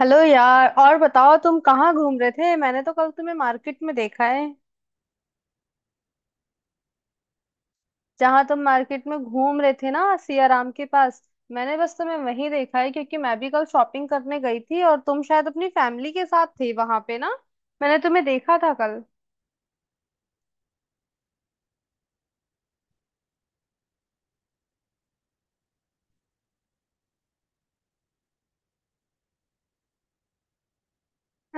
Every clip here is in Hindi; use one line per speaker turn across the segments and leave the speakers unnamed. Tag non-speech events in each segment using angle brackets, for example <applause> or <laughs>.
हेलो यार, और बताओ तुम कहाँ घूम रहे थे। मैंने तो कल तुम्हें मार्केट में देखा है, जहाँ तुम मार्केट में घूम रहे थे ना, सियाराम के पास। मैंने बस तुम्हें वहीं देखा है, क्योंकि मैं भी कल शॉपिंग करने गई थी और तुम शायद अपनी फैमिली के साथ थे वहां पे ना। मैंने तुम्हें देखा था कल।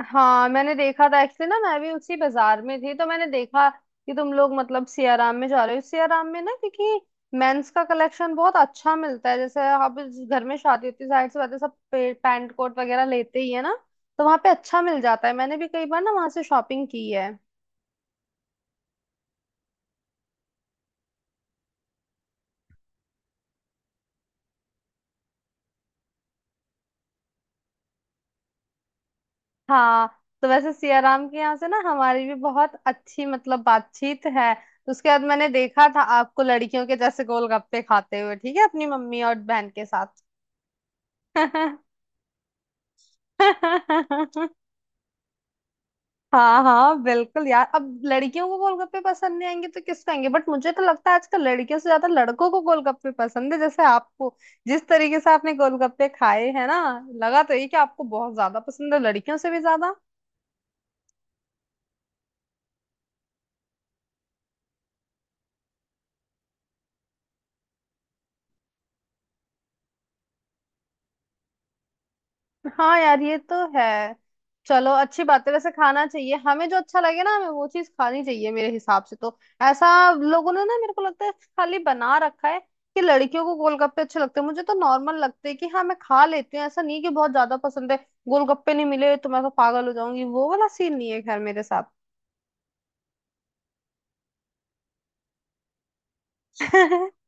हाँ, मैंने देखा था एक्चुअली ना, मैं भी उसी बाजार में थी, तो मैंने देखा कि तुम लोग मतलब सियाराम में जा रहे हो। सियाराम में ना, क्योंकि मेंस का कलेक्शन बहुत अच्छा मिलता है। जैसे अब इस घर में शादी होती है, जाहिर सी बात है, सब पैंट कोट वगैरह लेते ही है ना। तो वहां पे अच्छा मिल जाता है, मैंने भी कई बार ना वहां से शॉपिंग की है। हाँ, तो वैसे सियाराम के यहाँ से ना हमारी भी बहुत अच्छी मतलब बातचीत है। उसके बाद मैंने देखा था आपको लड़कियों के जैसे गोलगप्पे खाते हुए, ठीक है, अपनी मम्मी और बहन के साथ। <laughs> <laughs> हाँ हाँ, बिल्कुल यार, अब लड़कियों को गोलगप्पे पसंद नहीं आएंगे तो किसको आएंगे। बट मुझे तो लगता है आजकल लड़कियों से ज्यादा लड़कों को गोलगप्पे पसंद है, जैसे आपको। जिस तरीके से आपने गोलगप्पे खाए है ना, लगा तो ये कि आपको बहुत ज्यादा पसंद है, लड़कियों से भी। हाँ यार, ये तो है। चलो, अच्छी बात है। वैसे खाना चाहिए हमें, जो अच्छा लगे ना हमें, वो चीज खानी चाहिए मेरे हिसाब से तो। ऐसा लोगों ने ना मेरे को लगता है खाली बना रखा है कि लड़कियों को गोलगप्पे अच्छे लगते हैं। मुझे तो नॉर्मल लगते हैं, कि हाँ, मैं खा लेती हूँ, ऐसा नहीं कि बहुत ज्यादा पसंद है। गोलगप्पे नहीं मिले तो मैं तो पागल हो जाऊंगी, वो वाला सीन नहीं है खैर मेरे साथ। <laughs>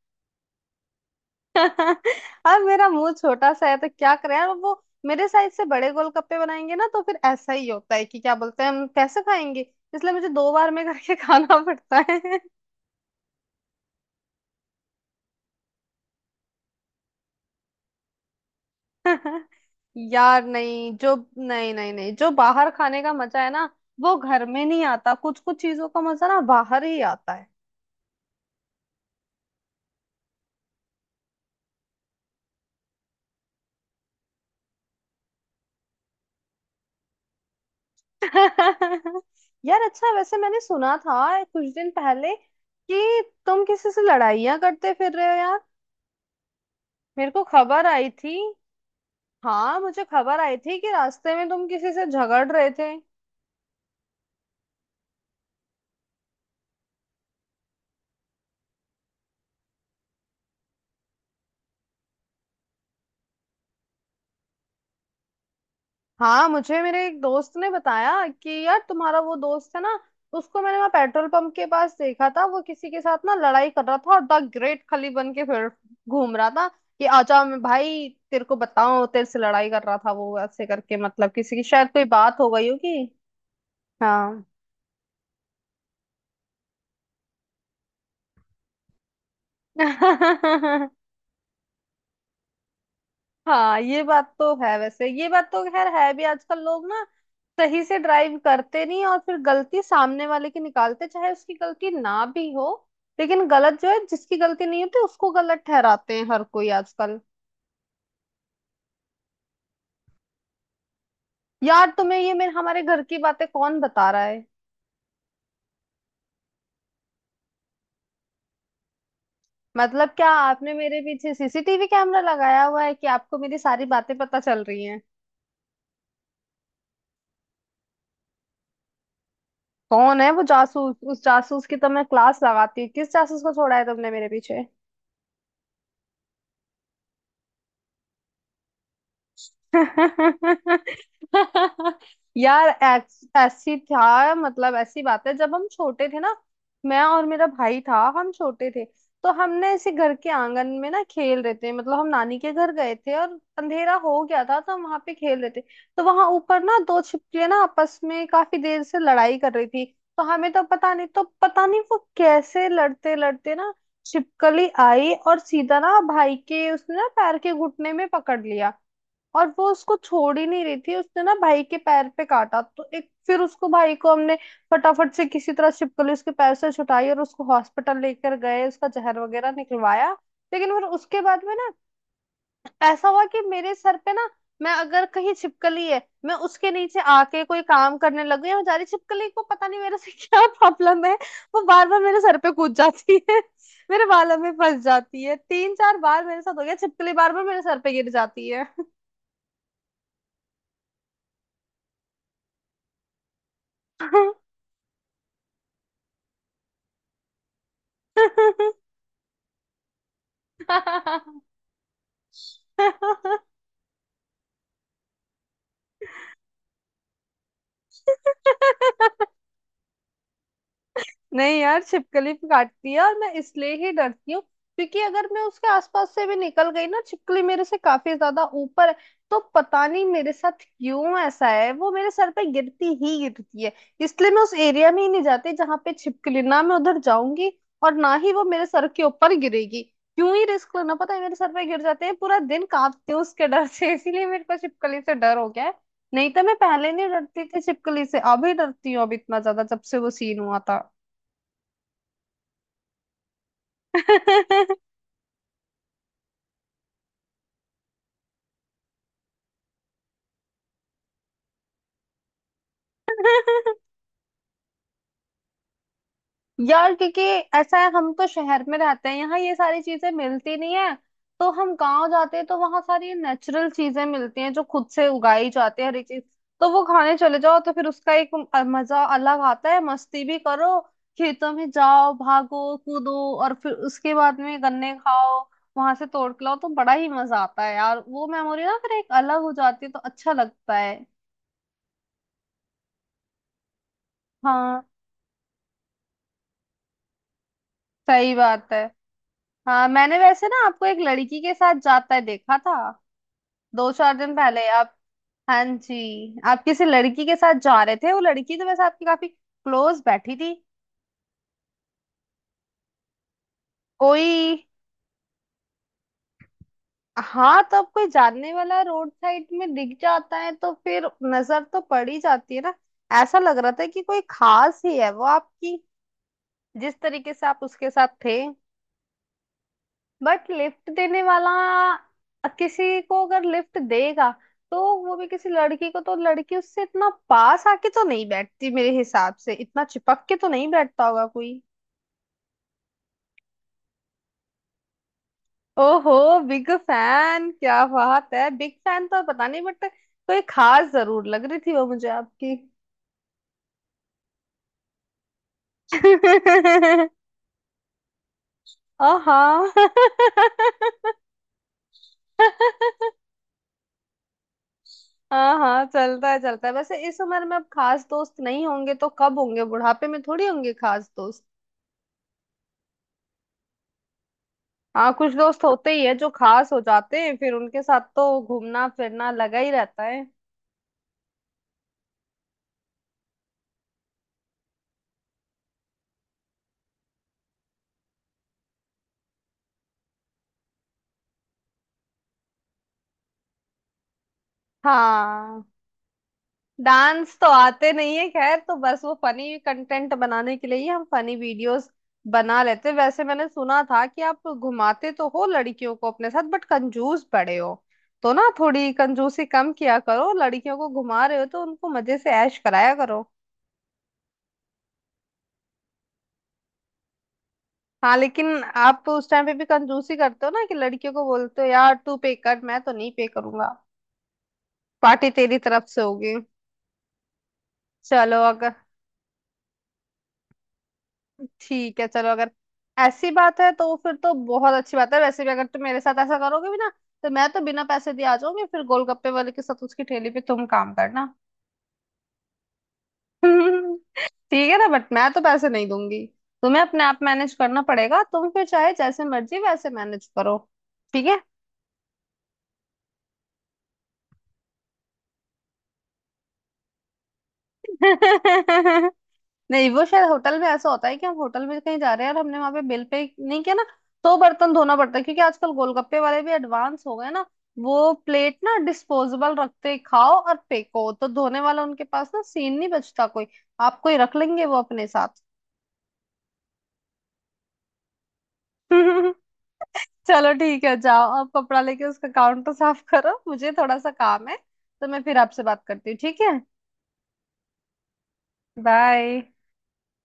अब मेरा मुंह छोटा सा है, तो क्या करें यार। वो मेरे साइज से बड़े गोलगप्पे बनाएंगे ना, तो फिर ऐसा ही होता है कि क्या बोलते हैं, हम कैसे खाएंगे। इसलिए मुझे दो बार में करके <laughs> खाना पड़ता है। <laughs> यार नहीं, जो नहीं नहीं नहीं जो बाहर खाने का मजा है ना, वो घर में नहीं आता। कुछ कुछ चीजों का मजा ना बाहर ही आता है। <laughs> यार अच्छा, वैसे मैंने सुना था कुछ दिन पहले कि तुम किसी से लड़ाइयाँ करते फिर रहे हो यार। मेरे को खबर आई थी। हाँ, मुझे खबर आई थी कि रास्ते में तुम किसी से झगड़ रहे थे। हाँ, मुझे मेरे एक दोस्त ने बताया कि यार तुम्हारा वो दोस्त है ना, उसको मैंने वहाँ पेट्रोल पंप के पास देखा था। वो किसी के साथ ना लड़ाई कर रहा था और द ग्रेट खली बन के फिर घूम रहा था कि आजा मैं भाई तेरे को बताऊं, तेरे से लड़ाई कर रहा था वो ऐसे करके। मतलब किसी की शायद कोई बात हो गई होगी। हाँ। <laughs> हाँ, ये बात तो है। वैसे ये बात तो खैर है भी, आजकल लोग ना सही से ड्राइव करते नहीं, और फिर गलती सामने वाले की निकालते, चाहे उसकी गलती ना भी हो। लेकिन गलत जो है, जिसकी गलती नहीं होती उसको गलत ठहराते हैं हर कोई आजकल। यार तुम्हें ये मेरे हमारे घर की बातें कौन बता रहा है। मतलब क्या आपने मेरे पीछे सीसीटीवी कैमरा लगाया हुआ है कि आपको मेरी सारी बातें पता चल रही हैं। कौन है वो जासूस, उस जासूस की तो मैं क्लास लगाती हूँ। किस जासूस को छोड़ा है तुमने मेरे पीछे। <laughs> यार ऐसी था, मतलब ऐसी बात है, जब हम छोटे थे ना, मैं और मेरा भाई था, हम छोटे थे। तो हमने ऐसे घर के आंगन में ना खेल रहे थे, मतलब हम नानी के घर गए थे और अंधेरा हो गया था, तो हम वहां पे खेल रहे थे। तो वहां ऊपर ना दो छिपकलियां ना आपस में काफी देर से लड़ाई कर रही थी। तो हमें तो पता नहीं, वो कैसे लड़ते लड़ते ना छिपकली आई और सीधा ना भाई के उसने ना पैर के घुटने में पकड़ लिया। और वो उसको छोड़ ही नहीं रही थी, उसने ना भाई के पैर पे काटा, तो एक फिर उसको भाई को हमने फटाफट से किसी तरह छिपकली उसके पैर से छुटाई और उसको हॉस्पिटल लेकर गए, उसका जहर वगैरह निकलवाया। लेकिन फिर उसके बाद में ना ऐसा हुआ कि मेरे सर पे ना, मैं अगर कहीं छिपकली है, मैं उसके नीचे आके कोई काम करने लग गई, और बेचारी छिपकली को पता नहीं मेरे से <laughs> क्या प्रॉब्लम है, वो बार बार मेरे सर पे कूद जाती है, मेरे बालों में फंस जाती है। तीन चार बार मेरे साथ हो गया, छिपकली बार बार मेरे सर पे गिर जाती है। <laughs> हाँ, नहीं यार, छिपकली काटती है और मैं इसलिए ही डरती हूँ, क्योंकि अगर मैं उसके आसपास से भी निकल गई ना, छिपकली मेरे से काफी ज्यादा ऊपर है, तो पता नहीं मेरे साथ क्यों ऐसा है, वो मेरे सर पे गिरती ही गिरती है। इसलिए मैं उस एरिया में ही नहीं जाती जहां पे छिपकली ना, मैं उधर जाऊंगी और ना ही वो मेरे सर के ऊपर गिरेगी। क्यों ही रिस्क लेना, पता है मेरे सर पे गिर जाते हैं, पूरा दिन कांपती हूँ उसके डर से, इसीलिए मेरे को छिपकली से डर हो गया है। नहीं तो मैं पहले नहीं डरती थी छिपकली से, अभी डरती हूँ अब इतना ज्यादा जब से वो सीन हुआ था। यार क्योंकि ऐसा है, हम तो शहर में रहते हैं, यहाँ ये सारी चीजें मिलती नहीं है। तो हम गांव जाते हैं तो वहां सारी नेचुरल चीजें मिलती हैं, जो खुद से उगाई जाती है हर एक चीज। तो वो खाने चले जाओ तो फिर उसका एक मजा अलग आता है। मस्ती भी करो, खेतों में जाओ, भागो कूदो, और फिर उसके बाद में गन्ने खाओ, वहां से तोड़ के लाओ, तो बड़ा ही मजा आता है यार। वो मेमोरी ना फिर एक अलग हो जाती है, तो अच्छा लगता है। हाँ, सही बात है। हाँ, मैंने वैसे ना आपको एक लड़की के साथ जाता है देखा था, दो चार दिन पहले आप। हाँ जी, आप किसी लड़की के साथ जा रहे थे। वो लड़की तो वैसे आपकी काफी क्लोज बैठी थी। कोई, हाँ, तो अब कोई जानने वाला रोड साइड में दिख जाता है तो फिर नजर तो पड़ ही जाती है ना। ऐसा लग रहा था कि कोई खास ही है वो आपकी, जिस तरीके से आप उसके साथ थे। बट लिफ्ट देने वाला किसी को अगर लिफ्ट देगा, तो वो भी किसी लड़की को, तो लड़की उससे इतना पास आके तो नहीं बैठती मेरे हिसाब से, इतना चिपक के तो नहीं बैठता होगा कोई। ओहो, बिग फैन, क्या बात है। बिग फैन तो पता नहीं, बट कोई खास जरूर लग रही थी वो मुझे आपकी। <laughs> हाँ हाँ। हाँ, चलता है चलता है। वैसे इस उम्र में अब खास दोस्त नहीं होंगे तो कब होंगे, बुढ़ापे में थोड़ी होंगे खास दोस्त। हाँ, कुछ दोस्त होते ही है जो खास हो जाते हैं, फिर उनके साथ तो घूमना फिरना लगा ही रहता है। हाँ, डांस तो आते नहीं है खैर, तो बस वो फनी कंटेंट बनाने के लिए ही हम फनी वीडियोस बना लेते हैं। वैसे मैंने सुना था कि आप घुमाते तो हो लड़कियों को अपने साथ, बट कंजूस बड़े हो, तो ना थोड़ी कंजूसी कम किया करो। लड़कियों को घुमा रहे हो तो उनको मजे से ऐश कराया करो। हाँ, लेकिन आप तो उस टाइम पे भी कंजूसी करते हो ना, कि लड़कियों को बोलते हो यार तू पे कर, मैं तो नहीं पे करूंगा, पार्टी तेरी तरफ से होगी। चलो अगर, ठीक है, चलो अगर ऐसी बात है तो फिर तो बहुत अच्छी बात है। वैसे भी अगर तुम मेरे साथ ऐसा करोगे भी ना, तो मैं तो बिना पैसे दिए आ जाऊंगी, फिर गोलगप्पे वाले के साथ उसकी ठेली पे तुम काम करना। <laughs> ठीक है ना, बट मैं तो पैसे नहीं दूंगी, तुम्हें अपने आप मैनेज करना पड़ेगा। तुम फिर चाहे जैसे मर्जी वैसे मैनेज करो, ठीक है। <laughs> नहीं, वो शायद होटल में ऐसा होता है, कि हम होटल में कहीं जा रहे हैं और हमने वहां पे बिल पे नहीं किया ना, तो बर्तन धोना पड़ता है। क्योंकि आजकल गोलगप्पे वाले भी एडवांस हो गए ना, वो प्लेट ना डिस्पोजेबल रखते, खाओ और फेंको, तो धोने वाला उनके पास ना सीन नहीं बचता कोई। आप कोई रख लेंगे वो अपने साथ। <laughs> चलो ठीक है, जाओ आप कपड़ा लेके उसका काउंटर साफ करो, मुझे थोड़ा सा काम है, तो मैं फिर आपसे बात करती हूँ, ठीक है। बाय।